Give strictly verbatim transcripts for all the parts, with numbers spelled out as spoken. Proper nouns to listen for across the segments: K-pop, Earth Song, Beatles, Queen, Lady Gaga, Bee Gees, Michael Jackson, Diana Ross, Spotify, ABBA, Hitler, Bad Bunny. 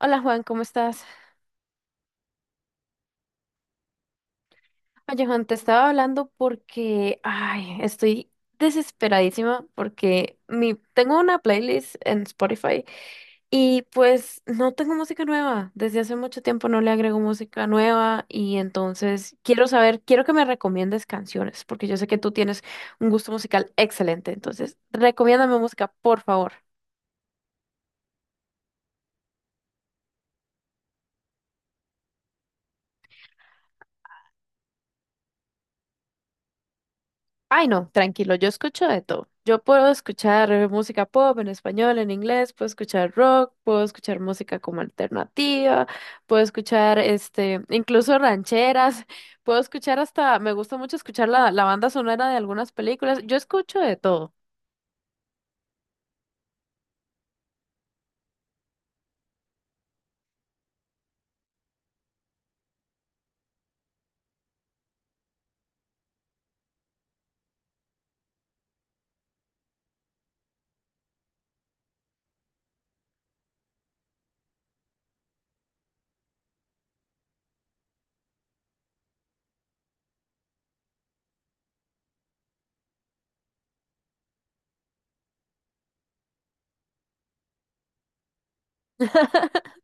Hola Juan, ¿cómo estás? Oye Juan, te estaba hablando porque, ay, estoy desesperadísima porque mi, tengo una playlist en Spotify y pues no tengo música nueva. Desde hace mucho tiempo no le agrego música nueva y entonces quiero saber, quiero que me recomiendes canciones porque yo sé que tú tienes un gusto musical excelente. Entonces, recomiéndame música, por favor. Ay, no, tranquilo, yo escucho de todo. Yo puedo escuchar eh, música pop en español, en inglés, puedo escuchar rock, puedo escuchar música como alternativa, puedo escuchar este, incluso rancheras, puedo escuchar hasta, me gusta mucho escuchar la, la banda sonora de algunas películas. Yo escucho de todo.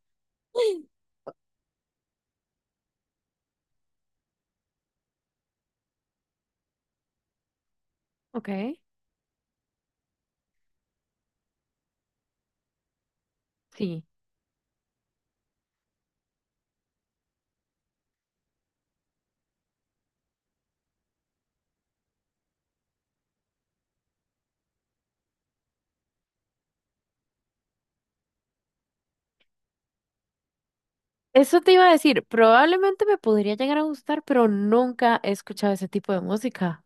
Ok, sí. Eso te iba a decir, probablemente me podría llegar a gustar, pero nunca he escuchado ese tipo de música.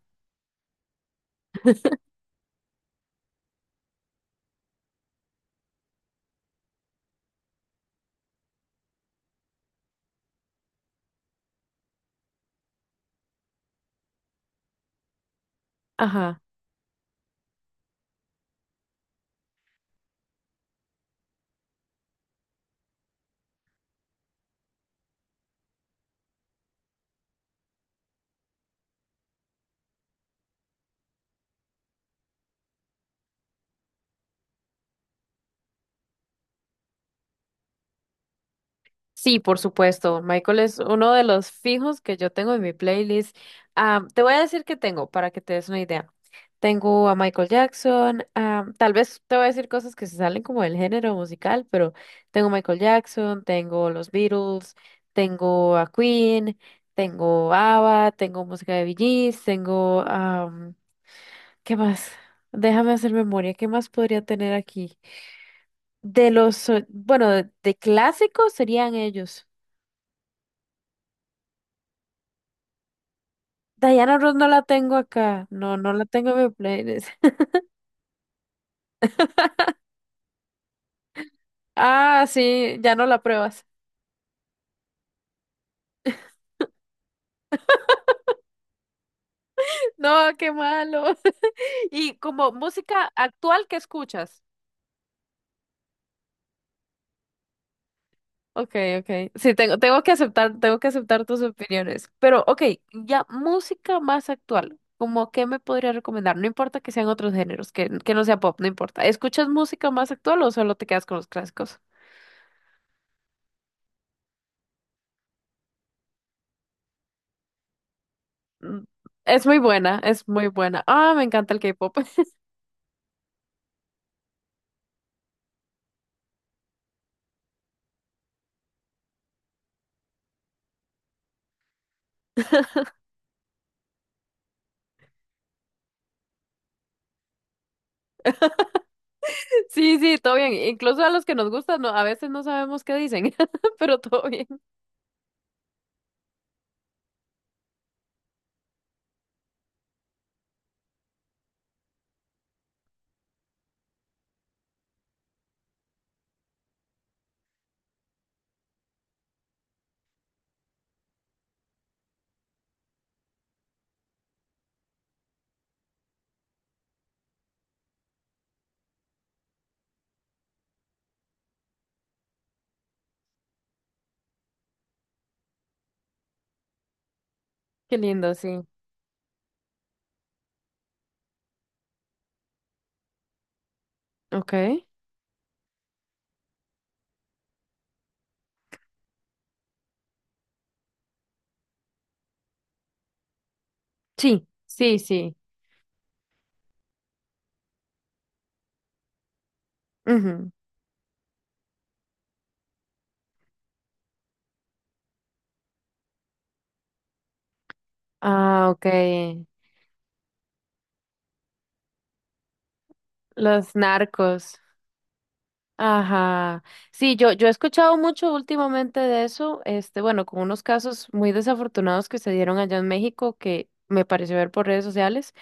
Ajá. Sí, por supuesto. Michael es uno de los fijos que yo tengo en mi playlist. Ah, te voy a decir que tengo para que te des una idea. Tengo a Michael Jackson. Ah, tal vez te voy a decir cosas que se salen como del género musical, pero tengo Michael Jackson, tengo los Beatles, tengo a Queen, tengo ABBA, tengo música de Bee Gees, tengo... am, ¿qué más? Déjame hacer memoria. ¿Qué más podría tener aquí? De los... eh, Bueno, de de clásicos serían ellos. Diana Ross no la tengo acá. No, no la tengo en mi playlist. Ah, sí, ya no la pruebas. No, qué malo. Y como música actual que escuchas. Ok, ok. Sí, tengo, tengo que aceptar, tengo que aceptar tus opiniones. Pero, ok, ya música más actual. ¿Cómo qué me podría recomendar? No importa que sean otros géneros, que, que no sea pop, no importa. ¿Escuchas música más actual o solo te quedas con los clásicos? Mm, es muy buena, es muy buena. Ah, me encanta el K-pop. Sí, sí, todo bien. Incluso a los que nos gustan, no, a veces no sabemos qué dicen, pero todo bien. Qué lindo, sí. Ok. Sí, sí, sí. Ujú. Ah, ok. Los narcos. Ajá. Sí, yo, yo he escuchado mucho últimamente de eso, este, bueno, con unos casos muy desafortunados que se dieron allá en México que me pareció ver por redes sociales.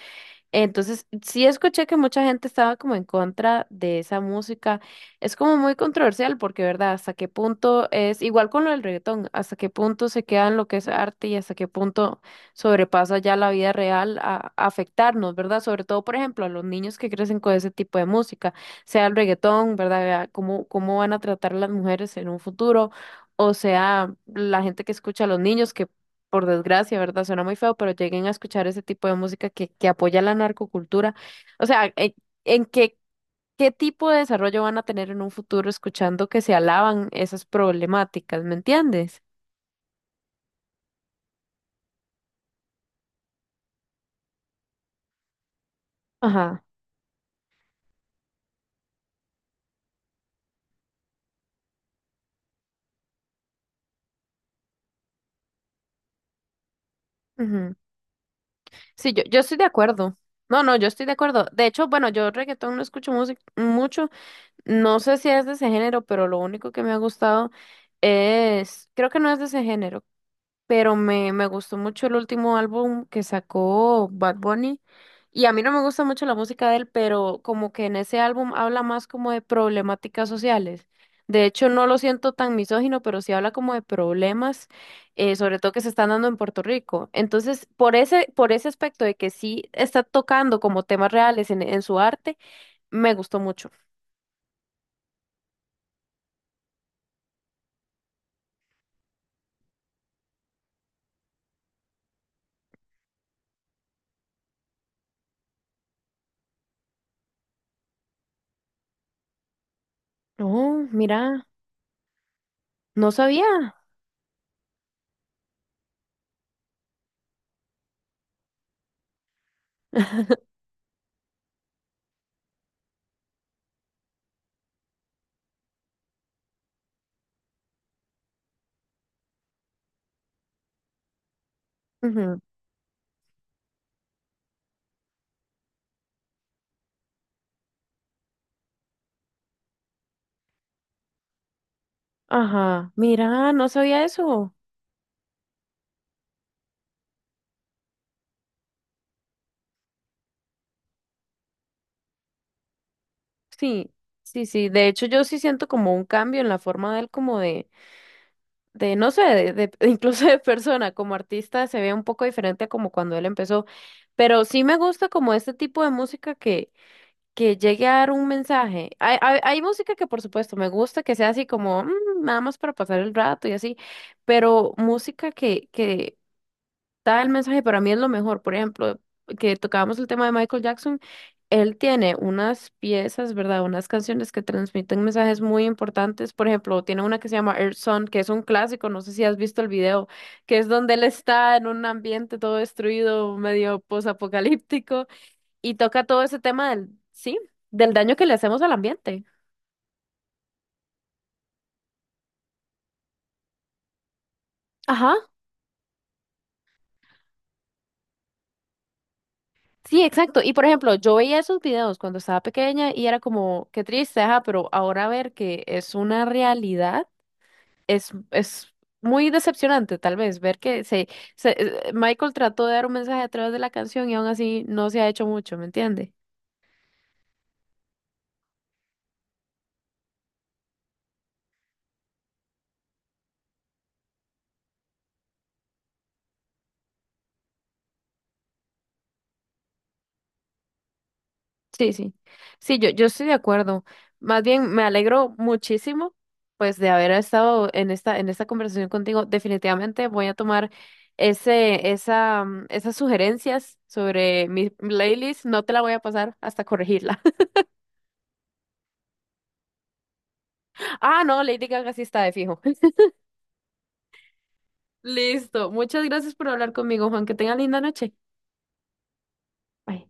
Entonces, sí escuché que mucha gente estaba como en contra de esa música. Es como muy controversial porque, ¿verdad? Hasta qué punto es igual con lo del reggaetón, hasta qué punto se queda en lo que es arte y hasta qué punto sobrepasa ya la vida real a, a afectarnos, ¿verdad? Sobre todo, por ejemplo, a los niños que crecen con ese tipo de música, sea el reggaetón, ¿verdad? Vea, ¿cómo, cómo van a tratar a las mujeres en un futuro? O sea, la gente que escucha a los niños que por desgracia, ¿verdad? Suena muy feo, pero lleguen a escuchar ese tipo de música que, que apoya la narcocultura. O sea, ¿en, ¿en qué, qué tipo de desarrollo van a tener en un futuro escuchando que se alaban esas problemáticas? ¿Me entiendes? Ajá. Ujú. Sí, yo, yo estoy de acuerdo. No, no, yo estoy de acuerdo. De hecho, bueno, yo reggaetón no escucho música mucho. No sé si es de ese género, pero lo único que me ha gustado es, creo que no es de ese género. Pero me, me gustó mucho el último álbum que sacó Bad Bunny. Y a mí no me gusta mucho la música de él, pero como que en ese álbum habla más como de problemáticas sociales. De hecho, no lo siento tan misógino, pero sí habla como de problemas, eh, sobre todo que se están dando en Puerto Rico. Entonces, por ese, por ese aspecto de que sí está tocando como temas reales en, en su arte, me gustó mucho. Oh, mira, no sabía. Ujú. Ajá, mira, no sabía eso. Sí, sí, sí. De hecho, yo sí siento como un cambio en la forma de él, como de, de no sé, de, de- incluso de persona, como artista se ve un poco diferente a como cuando él empezó. Pero sí me gusta como este tipo de música que, que llegue a dar un mensaje. Hay, hay, hay música que por supuesto me gusta, que sea así como "Mm, nada más para pasar el rato y así, pero música que, que da el mensaje, para mí es lo mejor. Por ejemplo, que tocábamos el tema de Michael Jackson, él tiene unas piezas, ¿verdad? Unas canciones que transmiten mensajes muy importantes. Por ejemplo, tiene una que se llama Earth Song, que es un clásico, no sé si has visto el video, que es donde él está en un ambiente todo destruido, medio posapocalíptico, y toca todo ese tema del, sí, del daño que le hacemos al ambiente. Ajá. Sí, exacto. Y por ejemplo, yo veía esos videos cuando estaba pequeña y era como, qué triste, ajá, pero ahora ver que es una realidad es, es muy decepcionante, tal vez, ver que se, se- eh, Michael trató de dar un mensaje a través de la canción y aún así no se ha hecho mucho, ¿me entiende? Sí, sí. Sí, yo, yo estoy de acuerdo. Más bien, me alegro muchísimo, pues, de haber estado en esta, en esta conversación contigo. Definitivamente voy a tomar ese, esa, mm, esas sugerencias sobre mi playlist. No te la voy a pasar hasta corregirla. Ah, no, Lady Gaga sí está de fijo. Listo. Muchas gracias por hablar conmigo, Juan. Que tenga linda noche. Bye.